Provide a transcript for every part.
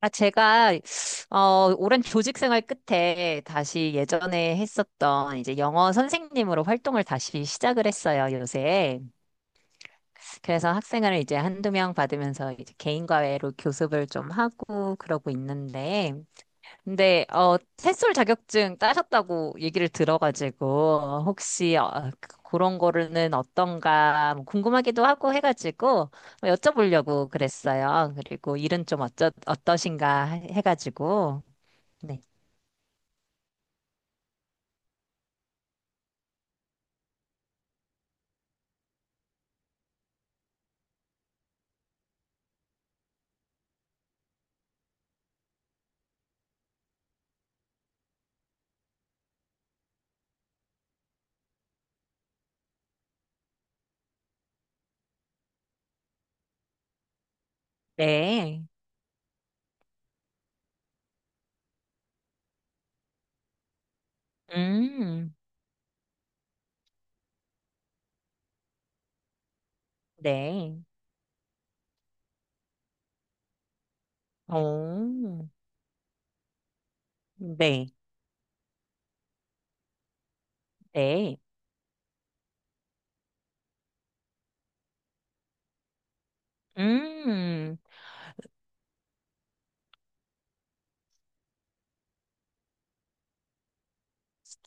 제가, 오랜 교직 생활 끝에 다시 예전에 했었던 이제 영어 선생님으로 활동을 다시 시작을 했어요, 요새. 그래서 학생을 이제 한두 명 받으면서 이제 개인과외로 교습을 좀 하고 그러고 있는데. 근데, 햇솔 자격증 따셨다고 얘기를 들어가지고, 혹시, 그런 거는 어떤가 뭐 궁금하기도 하고 해가지고, 여쭤보려고 그랬어요. 그리고 일은 좀 어떠신가 해가지고. 네. 네. 음, 네. 오, 네. 네. 음.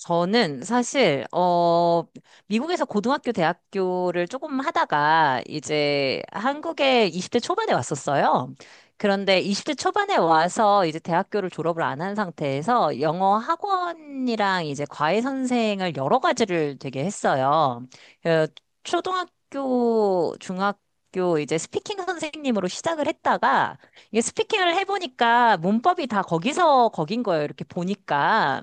저는 사실 미국에서 고등학교 대학교를 조금 하다가 이제 한국에 20대 초반에 왔었어요. 그런데 20대 초반에 와서 이제 대학교를 졸업을 안 한 상태에서 영어 학원이랑 이제 과외 선생을 여러 가지를 되게 했어요. 어, 초등학교, 중학교 이제 스피킹 선생님으로 시작을 했다가 이게 스피킹을 해보니까 문법이 다 거기서 거긴 거예요. 이렇게 보니까.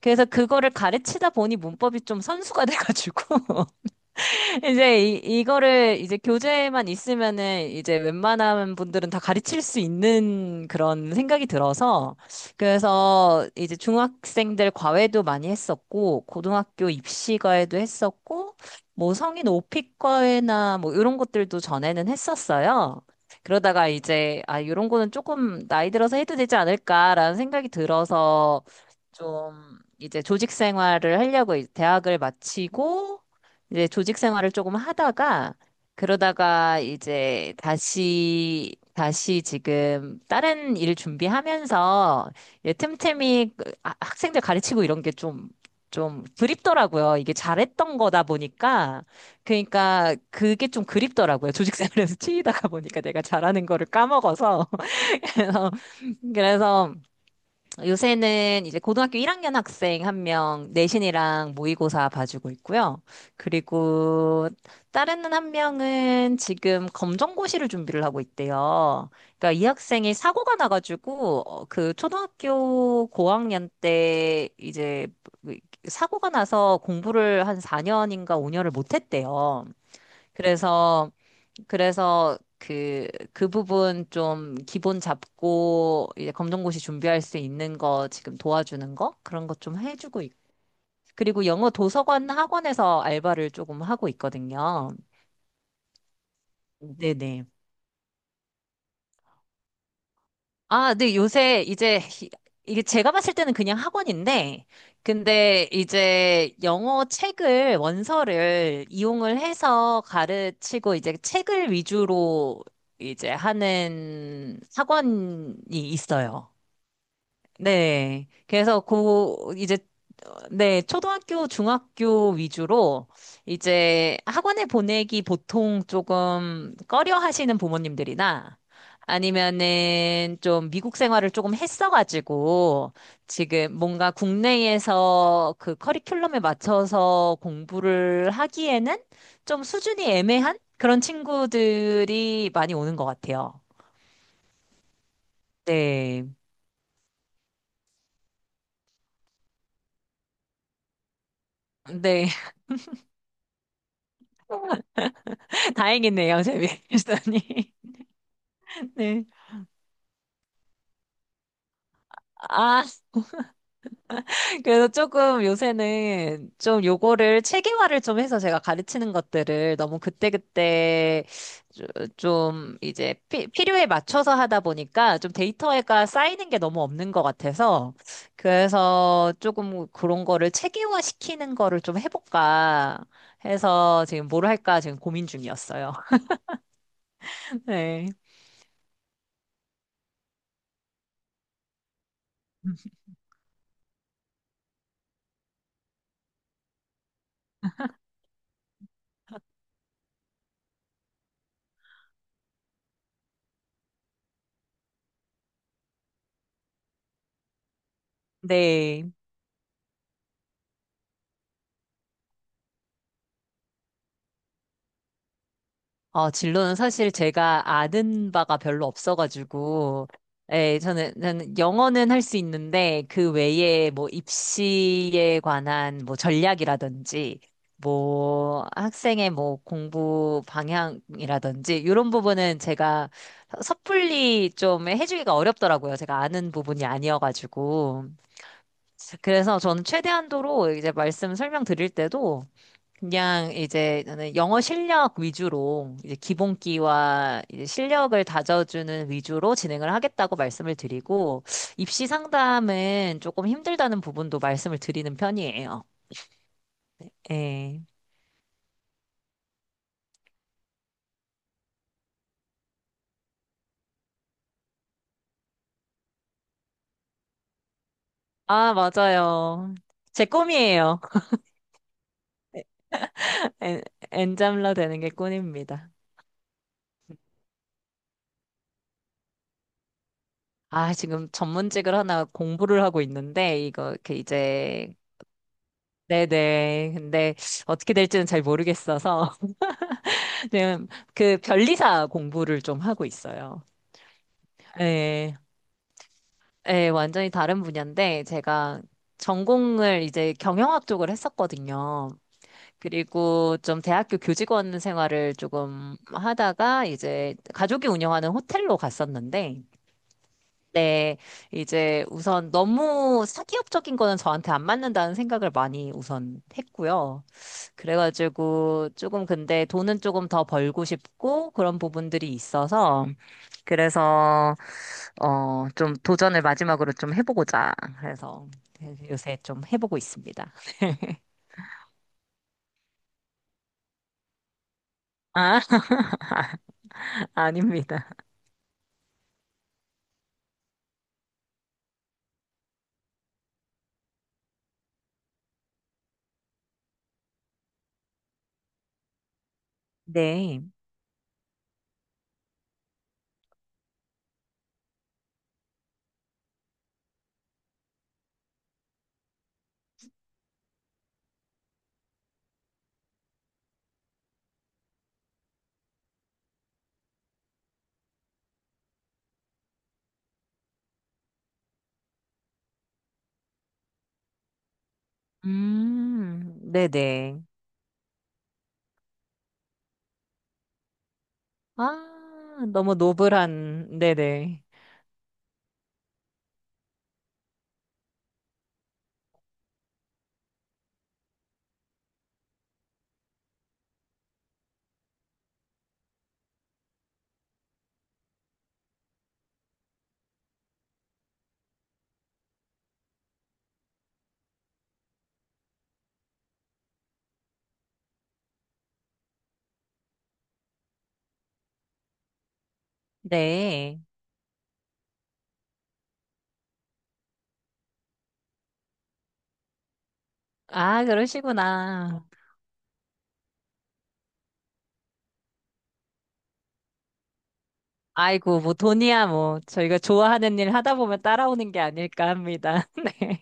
그래서 그거를 가르치다 보니 문법이 좀 선수가 돼가지고. 이제 이거를 이제 교재에만 있으면은 이제 웬만한 분들은 다 가르칠 수 있는 그런 생각이 들어서 그래서 이제 중학생들 과외도 많이 했었고 고등학교 입시 과외도 했었고 뭐 성인 오픽 과외나 뭐 이런 것들도 전에는 했었어요. 그러다가 이제 이런 거는 조금 나이 들어서 해도 되지 않을까라는 생각이 들어서 좀 이제 조직 생활을 하려고 대학을 마치고 이제 조직 생활을 조금 하다가 그러다가 이제 다시 지금 다른 일 준비하면서 이제 틈틈이 그 학생들 가르치고 이런 게 좀 그립더라고요. 이게 잘했던 거다 보니까 그러니까 그게 좀 그립더라고요. 조직 생활에서 치이다가 보니까 내가 잘하는 거를 까먹어서 그래서 그래서 요새는 이제 고등학교 1학년 학생 한 명 내신이랑 모의고사 봐주고 있고요. 그리고 다른 한 명은 지금 검정고시를 준비를 하고 있대요. 그러니까 이 학생이 사고가 나가지고 그 초등학교 고학년 때 이제 그 사고가 나서 공부를 한 4년인가 5년을 못 했대요. 그래서 그래서 그, 그 부분 좀 기본 잡고 이제 검정고시 준비할 수 있는 거 지금 도와주는 거? 그런 거 좀 해주고 있고. 그리고 영어 도서관 학원에서 알바를 조금 하고 있거든요. 네네. 아, 네, 요새 이제 이게 제가 봤을 때는 그냥 학원인데, 근데 이제 영어 책을, 원서를 이용을 해서 가르치고 이제 책을 위주로 이제 하는 학원이 있어요. 네. 그래서 고 이제 네, 초등학교, 중학교 위주로 이제 학원에 보내기 보통 조금 꺼려 하시는 부모님들이나 아니면은 좀 미국 생활을 조금 했어가지고 지금 뭔가 국내에서 그 커리큘럼에 맞춰서 공부를 하기에는 좀 수준이 애매한 그런 친구들이 많이 오는 것 같아요. 네. 네. 다행이네요, 재미있으니. 네. 아, 그래서 조금 요새는 좀 요거를 체계화를 좀 해서 제가 가르치는 것들을 너무 그때그때 조- 좀 이제 필요에 맞춰서 하다 보니까 좀 데이터가 쌓이는 게 너무 없는 것 같아서 그래서 조금 그런 거를 체계화 시키는 거를 좀 해볼까 해서 지금 뭘 할까 지금 고민 중이었어요. 네. 네. 진로는 사실 제가 아는 바가 별로 없어가지고, 예, 저는 영어는 할 수 있는데, 그 외에 뭐 입시에 관한 뭐 전략이라든지, 뭐 학생의 뭐 공부 방향이라든지, 이런 부분은 제가 섣불리 좀 해주기가 어렵더라고요. 제가 아는 부분이 아니어가지고. 그래서 저는 최대한도로 이제 말씀 설명드릴 때도, 그냥 이제 저는 영어 실력 위주로 이제 기본기와 이제 실력을 다져주는 위주로 진행을 하겠다고 말씀을 드리고 입시 상담은 조금 힘들다는 부분도 말씀을 드리는 편이에요. 예. 아, 맞아요. 제 꿈이에요. 엔, 엔잠러 되는 게 꿈입니다. 아, 지금 전문직을 하나 공부를 하고 있는데 이거 이렇게 이제 네네. 근데 어떻게 될지는 잘 모르겠어서 지금 그 변리사 공부를 좀 하고 있어요. 예, 예, 완전히 다른 분야인데 제가 전공을 이제 경영학 쪽을 했었거든요. 그리고 좀 대학교 교직원 생활을 조금 하다가 이제 가족이 운영하는 호텔로 갔었는데, 네, 이제 우선 너무 사기업적인 거는 저한테 안 맞는다는 생각을 많이 우선 했고요. 그래가지고 조금 근데 돈은 조금 더 벌고 싶고 그런 부분들이 있어서 그래서 좀 도전을 마지막으로 좀 해보고자. 그래서 요새 좀 해보고 있습니다. 아, 아닙니다. 네. 네네. 아, 너무 노블한, 네네. 네. 아, 그러시구나. 아이고, 뭐 돈이야, 뭐. 저희가 좋아하는 일 하다 보면 따라오는 게 아닐까 합니다. 네.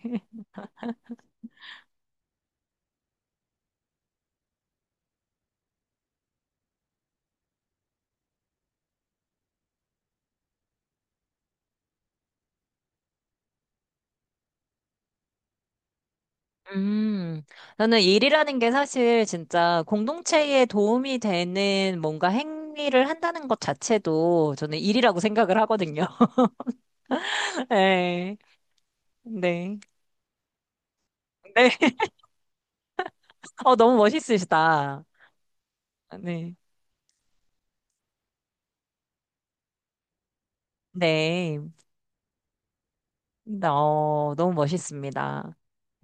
음, 나는 일이라는 게 사실 진짜 공동체에 도움이 되는 뭔가 행위를 한다는 것 자체도 저는 일이라고 생각을 하거든요. 네. 네. 네. 너무 멋있으시다. 네. 네. 네, 너무 멋있습니다.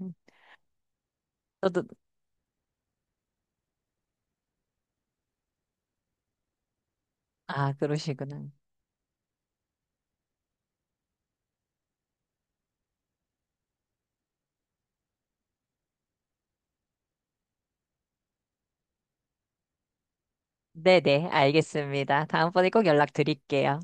음, 저도, 아, 그러시구나. 네네. 알겠습니다. 다음번에 꼭 연락드릴게요.